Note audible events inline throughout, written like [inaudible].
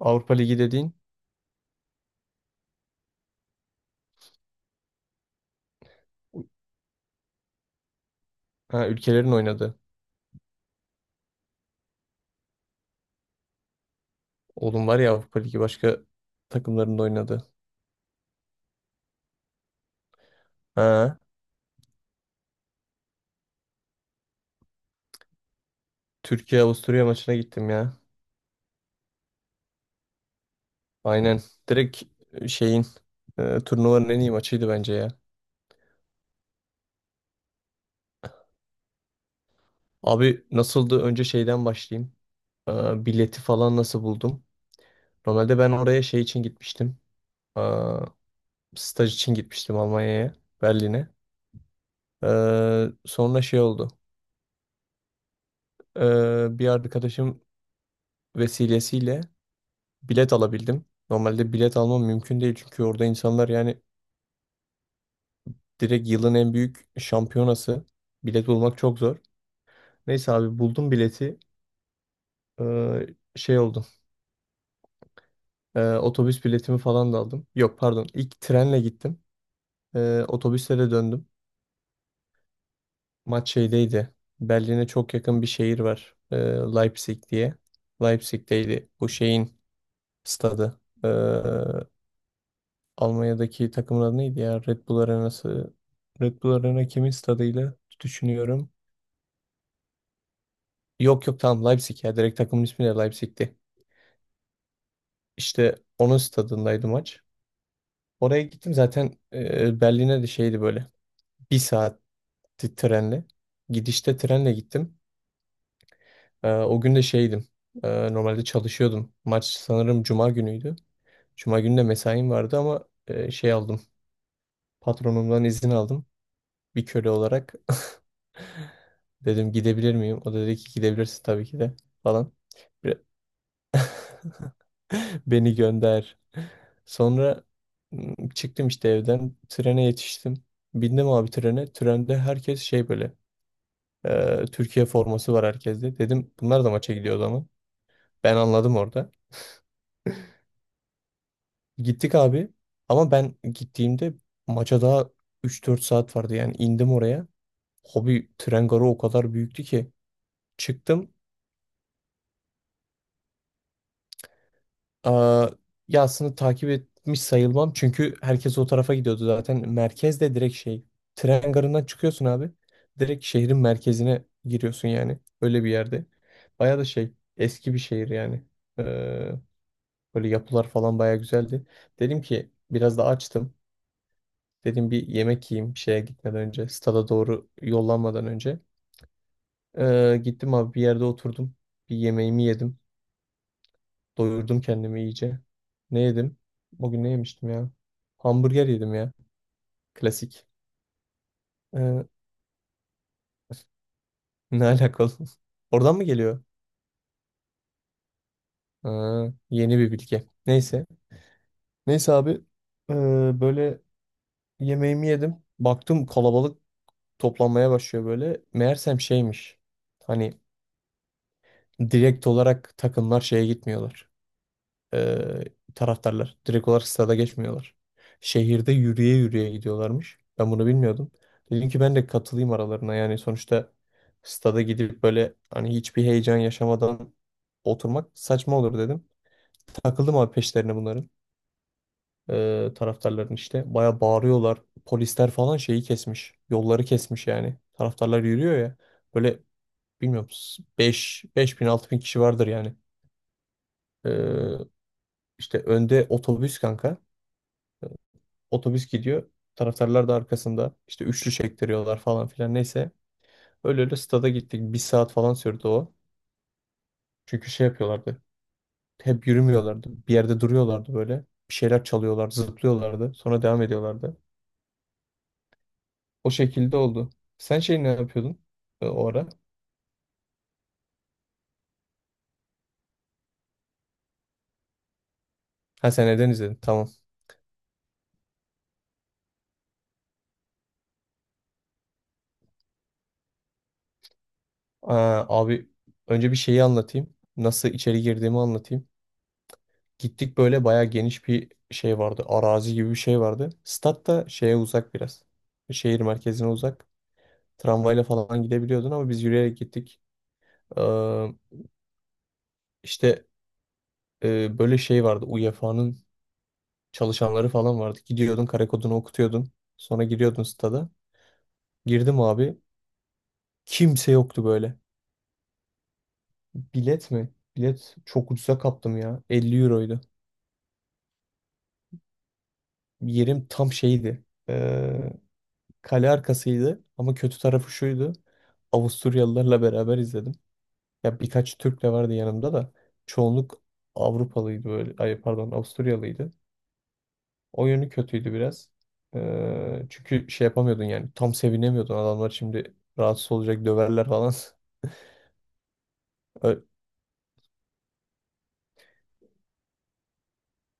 Avrupa Ligi dediğin ha, ülkelerin oynadı. Oğlum var ya Avrupa Ligi başka takımların da oynadı. Ha, Türkiye Avusturya maçına gittim ya. Aynen. Direkt şeyin turnuvanın en iyi maçıydı bence ya. Abi nasıldı? Önce şeyden başlayayım. Aa, bileti falan nasıl buldum? Normalde ben oraya şey için gitmiştim. Aa, staj için gitmiştim Almanya'ya, Berlin'e. Sonra şey oldu. Bir arkadaşım vesilesiyle bilet alabildim. Normalde bilet almam mümkün değil çünkü orada insanlar yani direkt yılın en büyük şampiyonası. Bilet bulmak çok zor. Neyse abi buldum bileti. Ee, Şey oldu. Otobüs biletimi falan da aldım. Yok pardon. İlk trenle gittim. Otobüsle de döndüm. Maç şeydeydi. Berlin'e çok yakın bir şehir var. Leipzig diye. Leipzig'teydi. Bu şeyin stadı. Almanya'daki takımın adı neydi ya? Red Bull Arena'sı. Red Bull Arena kimin stadıyla düşünüyorum. Yok yok tamam Leipzig ya. Direkt takımın ismi de Leipzig'ti. İşte onun stadındaydı maç. Oraya gittim zaten Berlin'e de şeydi böyle. Bir saatti trenle. Gidişte trenle gittim. O gün de şeydim. Normalde çalışıyordum. Maç sanırım Cuma günüydü. Cuma günü de mesaim vardı ama şey aldım. Patronumdan izin aldım. Bir köle olarak. [laughs] Dedim gidebilir miyim? O da dedi ki gidebilirsin tabii ki de falan. Bir- [laughs] Beni gönder. Sonra çıktım işte evden. Trene yetiştim. Bindim abi trene. Trende herkes şey böyle. Türkiye forması var herkeste. Dedim bunlar da maça gidiyor o zaman. Ben anladım orada. Gittik abi. Ama ben gittiğimde maça daha 3-4 saat vardı. Yani indim oraya. Hobi tren garı o kadar büyüktü ki. Çıktım. Aa, ya aslında takip etmiş sayılmam. Çünkü herkes o tarafa gidiyordu zaten. Merkezde direkt şey. Tren garından çıkıyorsun abi. Direkt şehrin merkezine giriyorsun yani. Öyle bir yerde. Baya da şey. Eski bir şehir yani. Ee, Böyle yapılar falan baya güzeldi. Dedim ki biraz da açtım. Dedim bir yemek yiyeyim şeye gitmeden önce. Stada doğru yollanmadan önce. Gittim abi bir yerde oturdum. Bir yemeğimi yedim. Doyurdum kendimi iyice. Ne yedim? O gün ne yemiştim ya? Hamburger yedim ya. Klasik. Ee, Ne alakalı? [laughs] Oradan mı geliyor? Aa, yeni bir bilgi. Neyse. Neyse abi. ee, Böyle yemeğimi yedim. Baktım kalabalık toplanmaya başlıyor böyle. Meğersem şeymiş. Hani direkt olarak takımlar şeye gitmiyorlar. eee, Taraftarlar. Direkt olarak stada geçmiyorlar. Şehirde yürüye yürüye gidiyorlarmış. Ben bunu bilmiyordum. Dedim ki ben de katılayım aralarına. Yani sonuçta stada gidip böyle hani hiçbir heyecan yaşamadan oturmak saçma olur dedim. Takıldım abi peşlerine bunların. Taraftarların işte. Baya bağırıyorlar. Polisler falan şeyi kesmiş. Yolları kesmiş yani. Taraftarlar yürüyor ya. Böyle bilmiyorum, beş bin altı bin kişi vardır yani. Eee işte önde otobüs kanka. Otobüs gidiyor. Taraftarlar da arkasında. İşte üçlü çektiriyorlar falan filan. Neyse. Öyle öyle stada gittik. Bir saat falan sürdü o. Çünkü şey yapıyorlardı. Hep yürümüyorlardı. Bir yerde duruyorlardı böyle. Bir şeyler çalıyorlardı, zıplıyorlardı. Sonra devam ediyorlardı. O şekilde oldu. Sen şey ne yapıyordun o ara? Ha sen neden izledin? Tamam. Aa, abi önce bir şeyi anlatayım. Nasıl içeri girdiğimi anlatayım. Gittik böyle bayağı geniş bir şey vardı. Arazi gibi bir şey vardı. Stat da şeye uzak biraz. Şehir merkezine uzak. Tramvayla falan gidebiliyordun ama biz yürüyerek gittik. Ee, işte böyle şey vardı. UEFA'nın çalışanları falan vardı. Gidiyordun kare kodunu okutuyordun. Sonra giriyordun stada. Girdim abi. Kimse yoktu böyle. Bilet mi? Bilet çok ucuza kaptım ya. 50 euroydu. Yerim tam şeydi. Ee, Kale arkasıydı. Ama kötü tarafı şuydu. Avusturyalılarla beraber izledim. Ya birkaç Türk de vardı yanımda da. Çoğunluk Avrupalıydı böyle. Ay pardon Avusturyalıydı. O yönü kötüydü biraz. Çünkü şey yapamıyordun yani. Tam sevinemiyordun. Adamlar şimdi rahatsız olacak döverler falan. [laughs] Ö-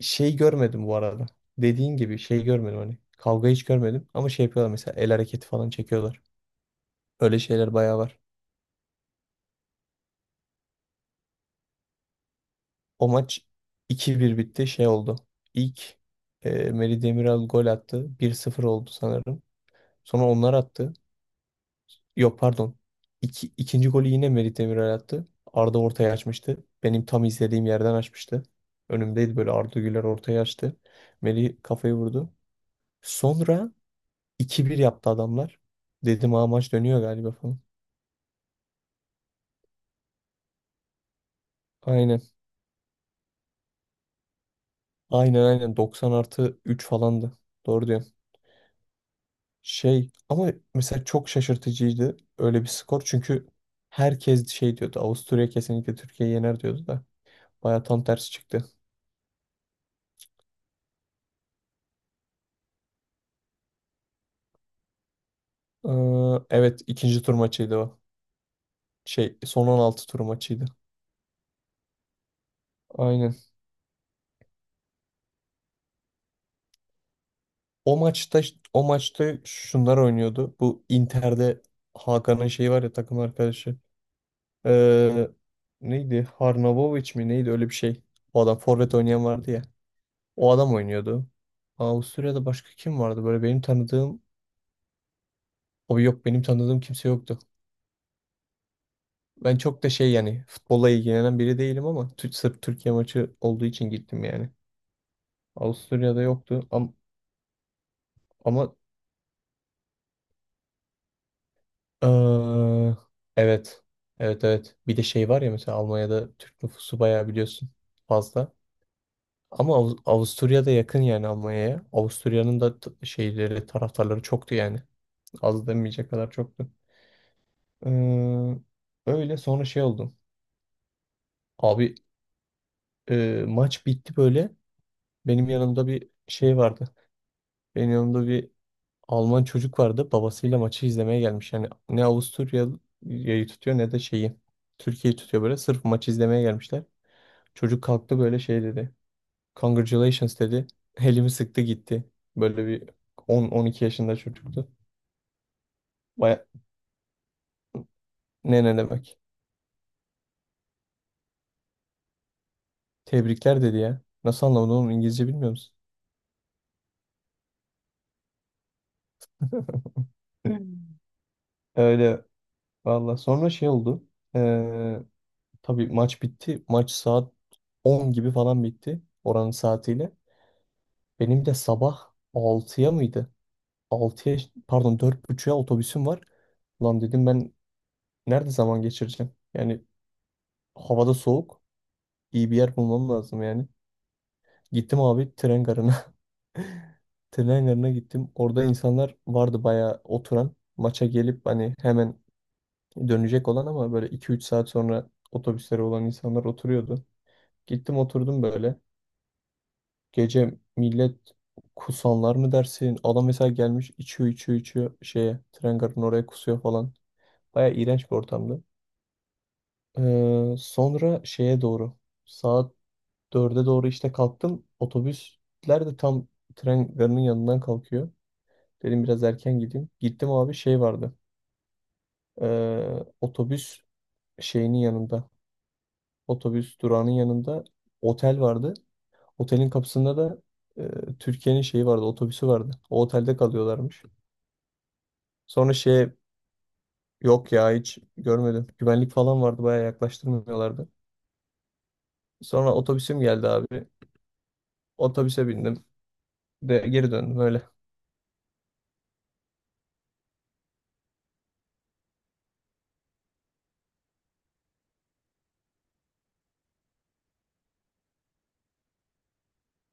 Şey görmedim bu arada. Dediğin gibi şey görmedim hani. Kavga hiç görmedim. Ama şey yapıyorlar mesela el hareketi falan çekiyorlar. Öyle şeyler bayağı var. O maç 2-1 bitti. Şey oldu. İlk Melih Demiral gol attı. 1-0 oldu sanırım. Sonra onlar attı. Yok pardon. İkinci golü yine Merih Demiral attı. Arda ortaya açmıştı. Benim tam izlediğim yerden açmıştı. Önümdeydi böyle Arda Güler ortaya açtı. Merih kafayı vurdu. Sonra 2-1 yaptı adamlar. Dedim ha maç dönüyor galiba falan. Aynen. Aynen aynen 90 artı 3 falandı. Doğru diyorsun. Şey ama mesela çok şaşırtıcıydı öyle bir skor. Çünkü herkes şey diyordu. Avusturya kesinlikle Türkiye'yi yener diyordu da. Baya tam tersi çıktı. Ee, Evet ikinci tur maçıydı o. Şey son 16 tur maçıydı. Aynen. O maçta o maçta şunlar oynuyordu. Bu Inter'de Hakan'ın şeyi var ya takım arkadaşı. Ee, Neydi? Harnavovic mi? Neydi öyle bir şey. O adam forvet oynayan vardı ya. O adam oynuyordu. Avusturya'da başka kim vardı? Böyle benim tanıdığım o yok benim tanıdığım kimse yoktu. Ben çok da şey yani futbolla ilgilenen biri değilim ama sırf Türkiye maçı olduğu için gittim yani. Avusturya'da yoktu ama. Aa, evet. Evet evet. Bir de şey var ya mesela Almanya'da Türk nüfusu bayağı biliyorsun fazla. Ama Avusturya'da yakın yani Almanya'ya. Avusturya'nın da şeyleri, taraftarları çoktu yani. Az demeyecek kadar çoktu. Ee, Öyle sonra şey oldum. Abi maç bitti böyle. Benim yanımda bir şey vardı. Benim yanımda bir Alman çocuk vardı. Babasıyla maçı izlemeye gelmiş. Yani ne Avusturya'yı tutuyor ne de şeyi. Türkiye'yi tutuyor böyle. Sırf maç izlemeye gelmişler. Çocuk kalktı böyle şey dedi. Congratulations dedi. Elimi sıktı gitti. Böyle bir 10-12 yaşında çocuktu. Baya ne demek. Tebrikler dedi ya. Nasıl anlamadın oğlum İngilizce bilmiyor musun? Hmm. [laughs] Öyle valla. Sonra şey oldu. Ee, tabii maç bitti. Maç saat 10 gibi falan bitti. Oranın saatiyle. Benim de sabah 6'ya mıydı? 6'ya pardon 4:30'a otobüsüm var. Lan dedim ben nerede zaman geçireceğim? Yani havada soğuk. İyi bir yer bulmam lazım yani. Gittim abi tren garına. [laughs] Tren garına gittim. Orada insanlar vardı bayağı oturan. Maça gelip hani hemen dönecek olan ama böyle iki üç saat sonra otobüslere olan insanlar oturuyordu. Gittim oturdum böyle. Gece millet kusanlar mı dersin? Adam mesela gelmiş içiyor içiyor içiyor şeye tren garının oraya kusuyor falan. Bayağı iğrenç bir ortamdı. Sonra şeye doğru saat dörde doğru işte kalktım. Otobüsler de tam tren garının yanından kalkıyor. Dedim biraz erken gideyim. Gittim abi şey vardı. Otobüs şeyinin yanında. Otobüs durağının yanında otel vardı. Otelin kapısında da Türkiye'nin şeyi vardı. Otobüsü vardı. O otelde kalıyorlarmış. Sonra şey yok ya hiç görmedim. Güvenlik falan vardı. Bayağı yaklaştırmıyorlardı. Sonra otobüsüm geldi abi. Otobüse bindim. De geri döndüm öyle.